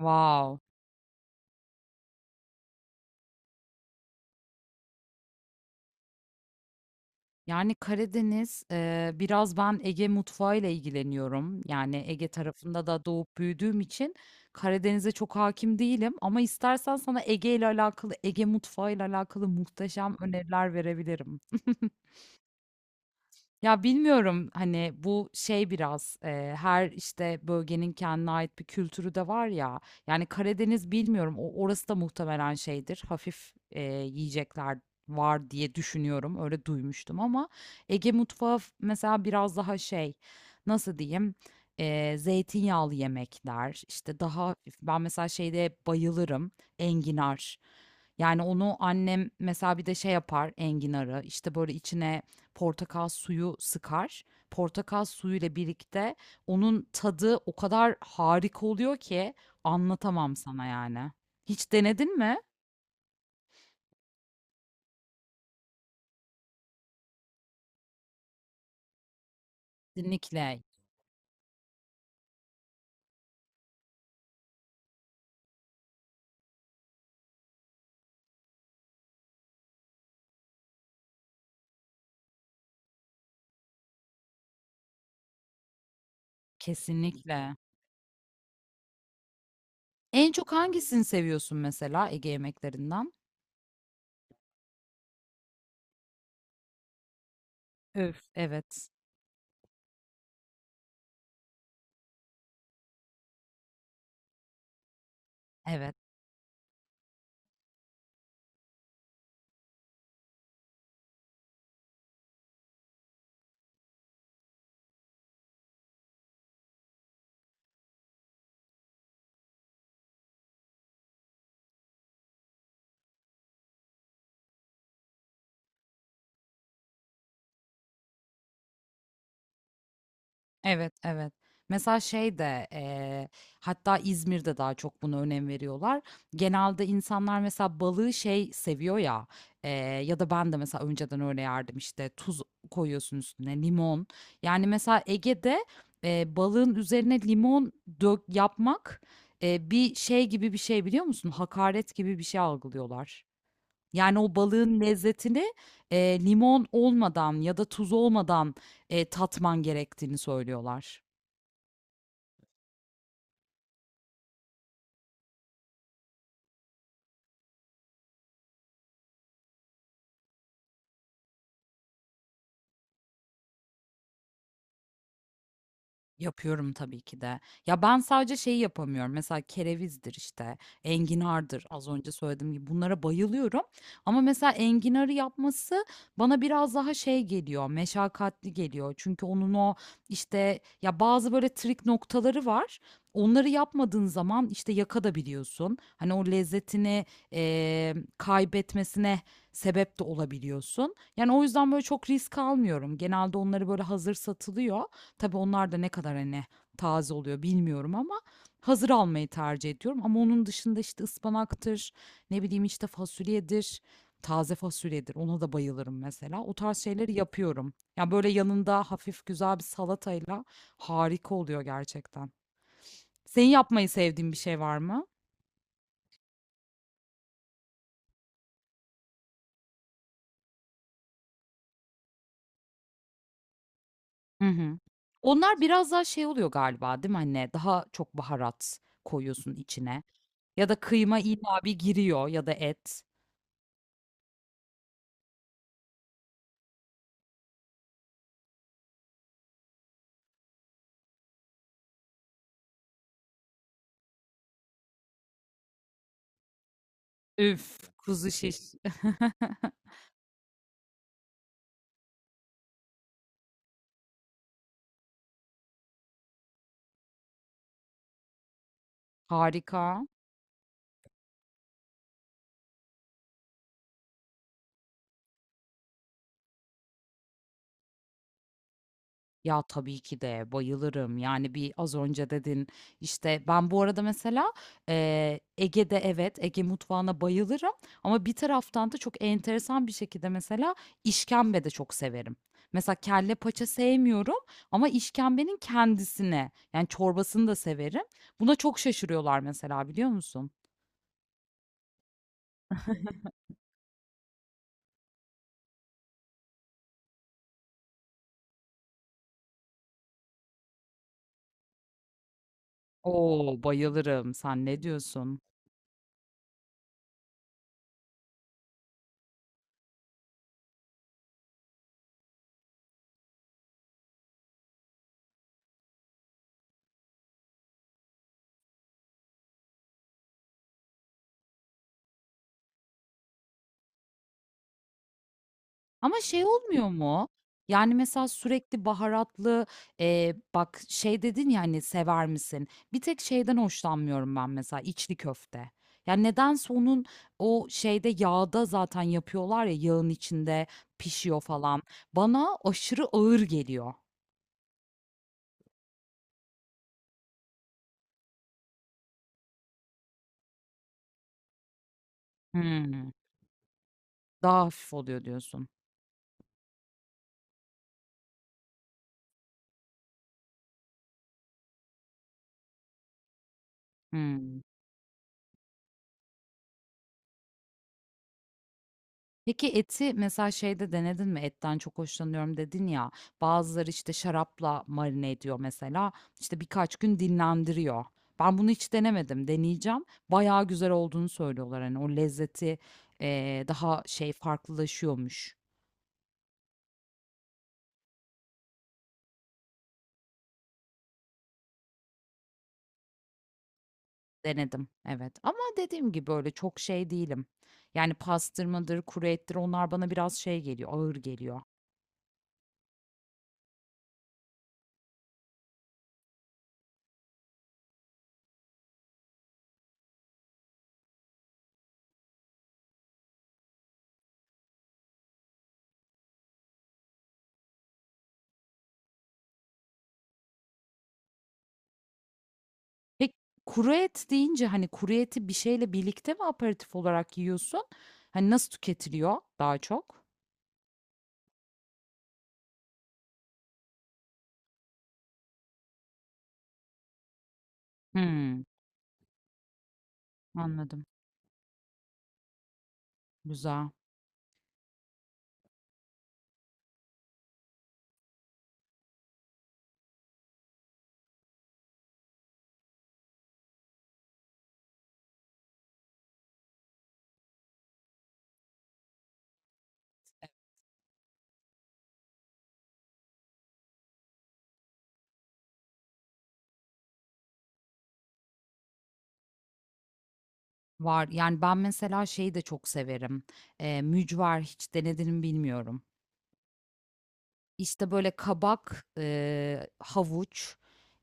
Wow. Yani Karadeniz, biraz ben Ege mutfağıyla ilgileniyorum. Yani Ege tarafında da doğup büyüdüğüm için Karadeniz'e çok hakim değilim. Ama istersen sana Ege ile alakalı, Ege mutfağı ile alakalı muhteşem öneriler verebilirim. Ya bilmiyorum hani bu şey biraz her işte bölgenin kendine ait bir kültürü de var ya. Yani Karadeniz bilmiyorum o orası da muhtemelen şeydir. Hafif yiyecekler var diye düşünüyorum. Öyle duymuştum ama Ege mutfağı mesela biraz daha şey, nasıl diyeyim? Zeytinyağlı yemekler işte daha hafif. Ben mesela şeyde bayılırım, enginar. Yani onu annem mesela bir de şey yapar, enginarı işte böyle içine portakal suyu sıkar. Portakal suyuyla birlikte onun tadı o kadar harika oluyor ki anlatamam sana yani. Hiç denedin mi? Kesinlikle, kesinlikle. En çok hangisini seviyorsun mesela Ege yemeklerinden? Öf. Evet, evet. Evet, evet. Mesela şey de hatta İzmir'de daha çok buna önem veriyorlar. Genelde insanlar mesela balığı şey seviyor ya, eee, ya da ben de mesela önceden öyle yerdim, işte tuz koyuyorsun üstüne limon. Yani mesela Ege'de balığın üzerine limon dök yapmak bir şey gibi bir şey, biliyor musun? Hakaret gibi bir şey algılıyorlar. Yani o balığın lezzetini, limon olmadan ya da tuz olmadan, tatman gerektiğini söylüyorlar. Yapıyorum tabii ki de. Ya ben sadece şeyi yapamıyorum. Mesela kerevizdir işte, enginardır. Az önce söylediğim gibi bunlara bayılıyorum. Ama mesela enginarı yapması bana biraz daha şey geliyor, meşakkatli geliyor. Çünkü onun o işte ya bazı böyle trik noktaları var. Onları yapmadığın zaman işte yakadabiliyorsun. Hani o lezzetini kaybetmesine sebep de olabiliyorsun. Yani o yüzden böyle çok risk almıyorum. Genelde onları böyle hazır satılıyor. Tabii onlar da ne kadar, hani, taze oluyor bilmiyorum ama hazır almayı tercih ediyorum, ama onun dışında, işte, ıspanaktır, ne bileyim, işte, fasulyedir, taze fasulyedir, ona da bayılırım mesela. O tarz şeyleri yapıyorum. Yani böyle, yanında hafif güzel bir salatayla harika oluyor gerçekten. Senin yapmayı sevdiğin bir şey var mı? Hı hı. Onlar biraz daha şey oluyor galiba, değil mi, anne? Daha çok baharat koyuyorsun içine, ya da kıyma illa bir giriyor ya da et. Üf, kuzu şiş. Harika. Ya, tabii ki de bayılırım. Yani, bir az önce dedin, işte, ben bu arada mesela, Ege'de evet, Ege mutfağına bayılırım ama bir taraftan da çok enteresan bir şekilde mesela işkembe de çok severim. Mesela kelle paça sevmiyorum ama işkembenin kendisine yani, çorbasını da severim. Buna çok şaşırıyorlar mesela, biliyor musun? Oo, bayılırım. Sen ne diyorsun? Ama şey olmuyor mu? Yani, mesela sürekli baharatlı, bak şey dedin ya, hani, "Sever misin?" Bir tek şeyden hoşlanmıyorum ben mesela, içli köfte. Yani nedense onun o şeyde yağda zaten yapıyorlar ya, yağın içinde pişiyor falan. Bana aşırı ağır geliyor. Hımm. Daha hafif oluyor diyorsun. Hımm. Peki eti mesela şeyde denedin mi? Etten çok hoşlanıyorum dedin ya. Bazıları işte şarapla marine ediyor mesela. İşte birkaç gün dinlendiriyor. Ben bunu hiç denemedim. Deneyeceğim. Bayağı güzel olduğunu söylüyorlar. Hani o lezzeti daha şey farklılaşıyormuş. Denedim. Evet. Ama dediğim gibi öyle çok şey değilim. Yani pastırmadır, kuru ettir, onlar bana biraz şey geliyor, ağır geliyor. Peki, kuru et deyince, hani, kuru eti bir şeyle birlikte mi aperatif olarak yiyorsun? Hani, nasıl tüketiliyor daha çok? Hımm, anladım. Güzel. Var. Yani, ben mesela şeyi de çok severim. Mücver hiç denedin mi bilmiyorum. İşte böyle kabak, havuç,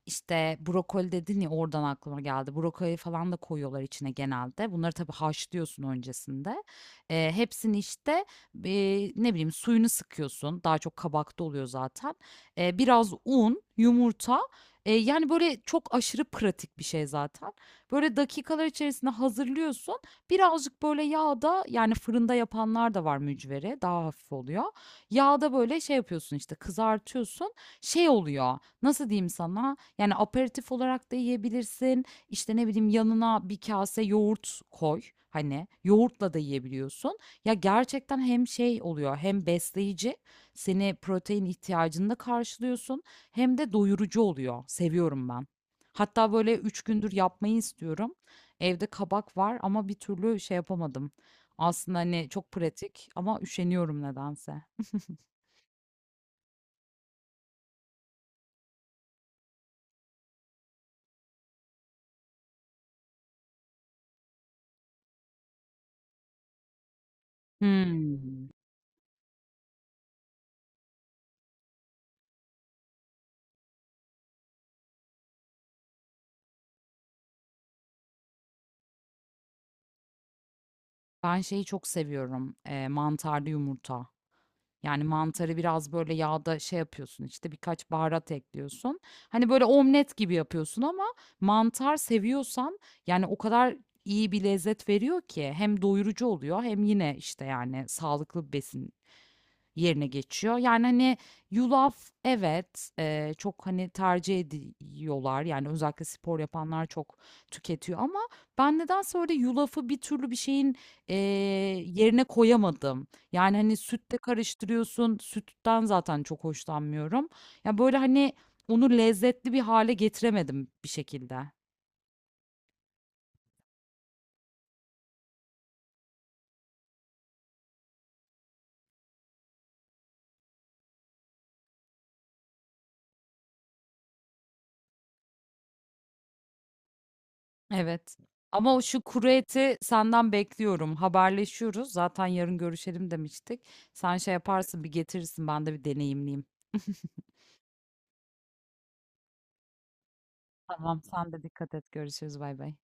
işte brokoli dedin ya, oradan aklıma geldi. Brokoli falan da koyuyorlar içine genelde. Bunları tabii haşlıyorsun öncesinde. Hepsini işte ne bileyim suyunu sıkıyorsun. Daha çok kabakta oluyor zaten. Biraz un, yumurta. Yani böyle çok aşırı pratik bir şey zaten. Böyle dakikalar içerisinde hazırlıyorsun. Birazcık böyle yağda, yani fırında yapanlar da var mücveri. Daha hafif oluyor. Yağda böyle şey yapıyorsun, işte kızartıyorsun. Şey oluyor. Nasıl diyeyim sana? Yani aperatif olarak da yiyebilirsin. İşte ne bileyim, yanına bir kase yoğurt koy. Hani yoğurtla da yiyebiliyorsun. Ya gerçekten hem şey oluyor hem besleyici. Seni protein ihtiyacını da karşılıyorsun. Hem de doyurucu oluyor. Seviyorum ben. Hatta böyle üç gündür yapmayı istiyorum. Evde kabak var ama bir türlü şey yapamadım. Aslında hani çok pratik ama üşeniyorum nedense. Hımm. Ben şeyi çok seviyorum, mantarlı yumurta. Yani mantarı biraz böyle yağda şey yapıyorsun, işte, birkaç baharat ekliyorsun. Hani, böyle omlet gibi yapıyorsun ama mantar seviyorsan, yani, o kadar iyi bir lezzet veriyor ki hem doyurucu oluyor hem yine, işte, yani, sağlıklı bir besin yerine geçiyor. Yani, hani, yulaf evet, çok, hani, tercih ediyorlar. Yani, özellikle spor yapanlar çok tüketiyor ama ben nedense öyle yulafı bir türlü bir şeyin, eee, yerine koyamadım. Yani, hani, sütle karıştırıyorsun, sütten zaten çok hoşlanmıyorum. Ya, böyle, hani, onu lezzetli bir hale getiremedim bir şekilde. Evet. Ama o şu kuru eti senden bekliyorum. Haberleşiyoruz. Zaten yarın görüşelim demiştik. Sen şey, evet, yaparsın, bir getirirsin. Ben de bir deneyimleyeyim. Tamam, sen de dikkat et. Görüşürüz. Bay bay.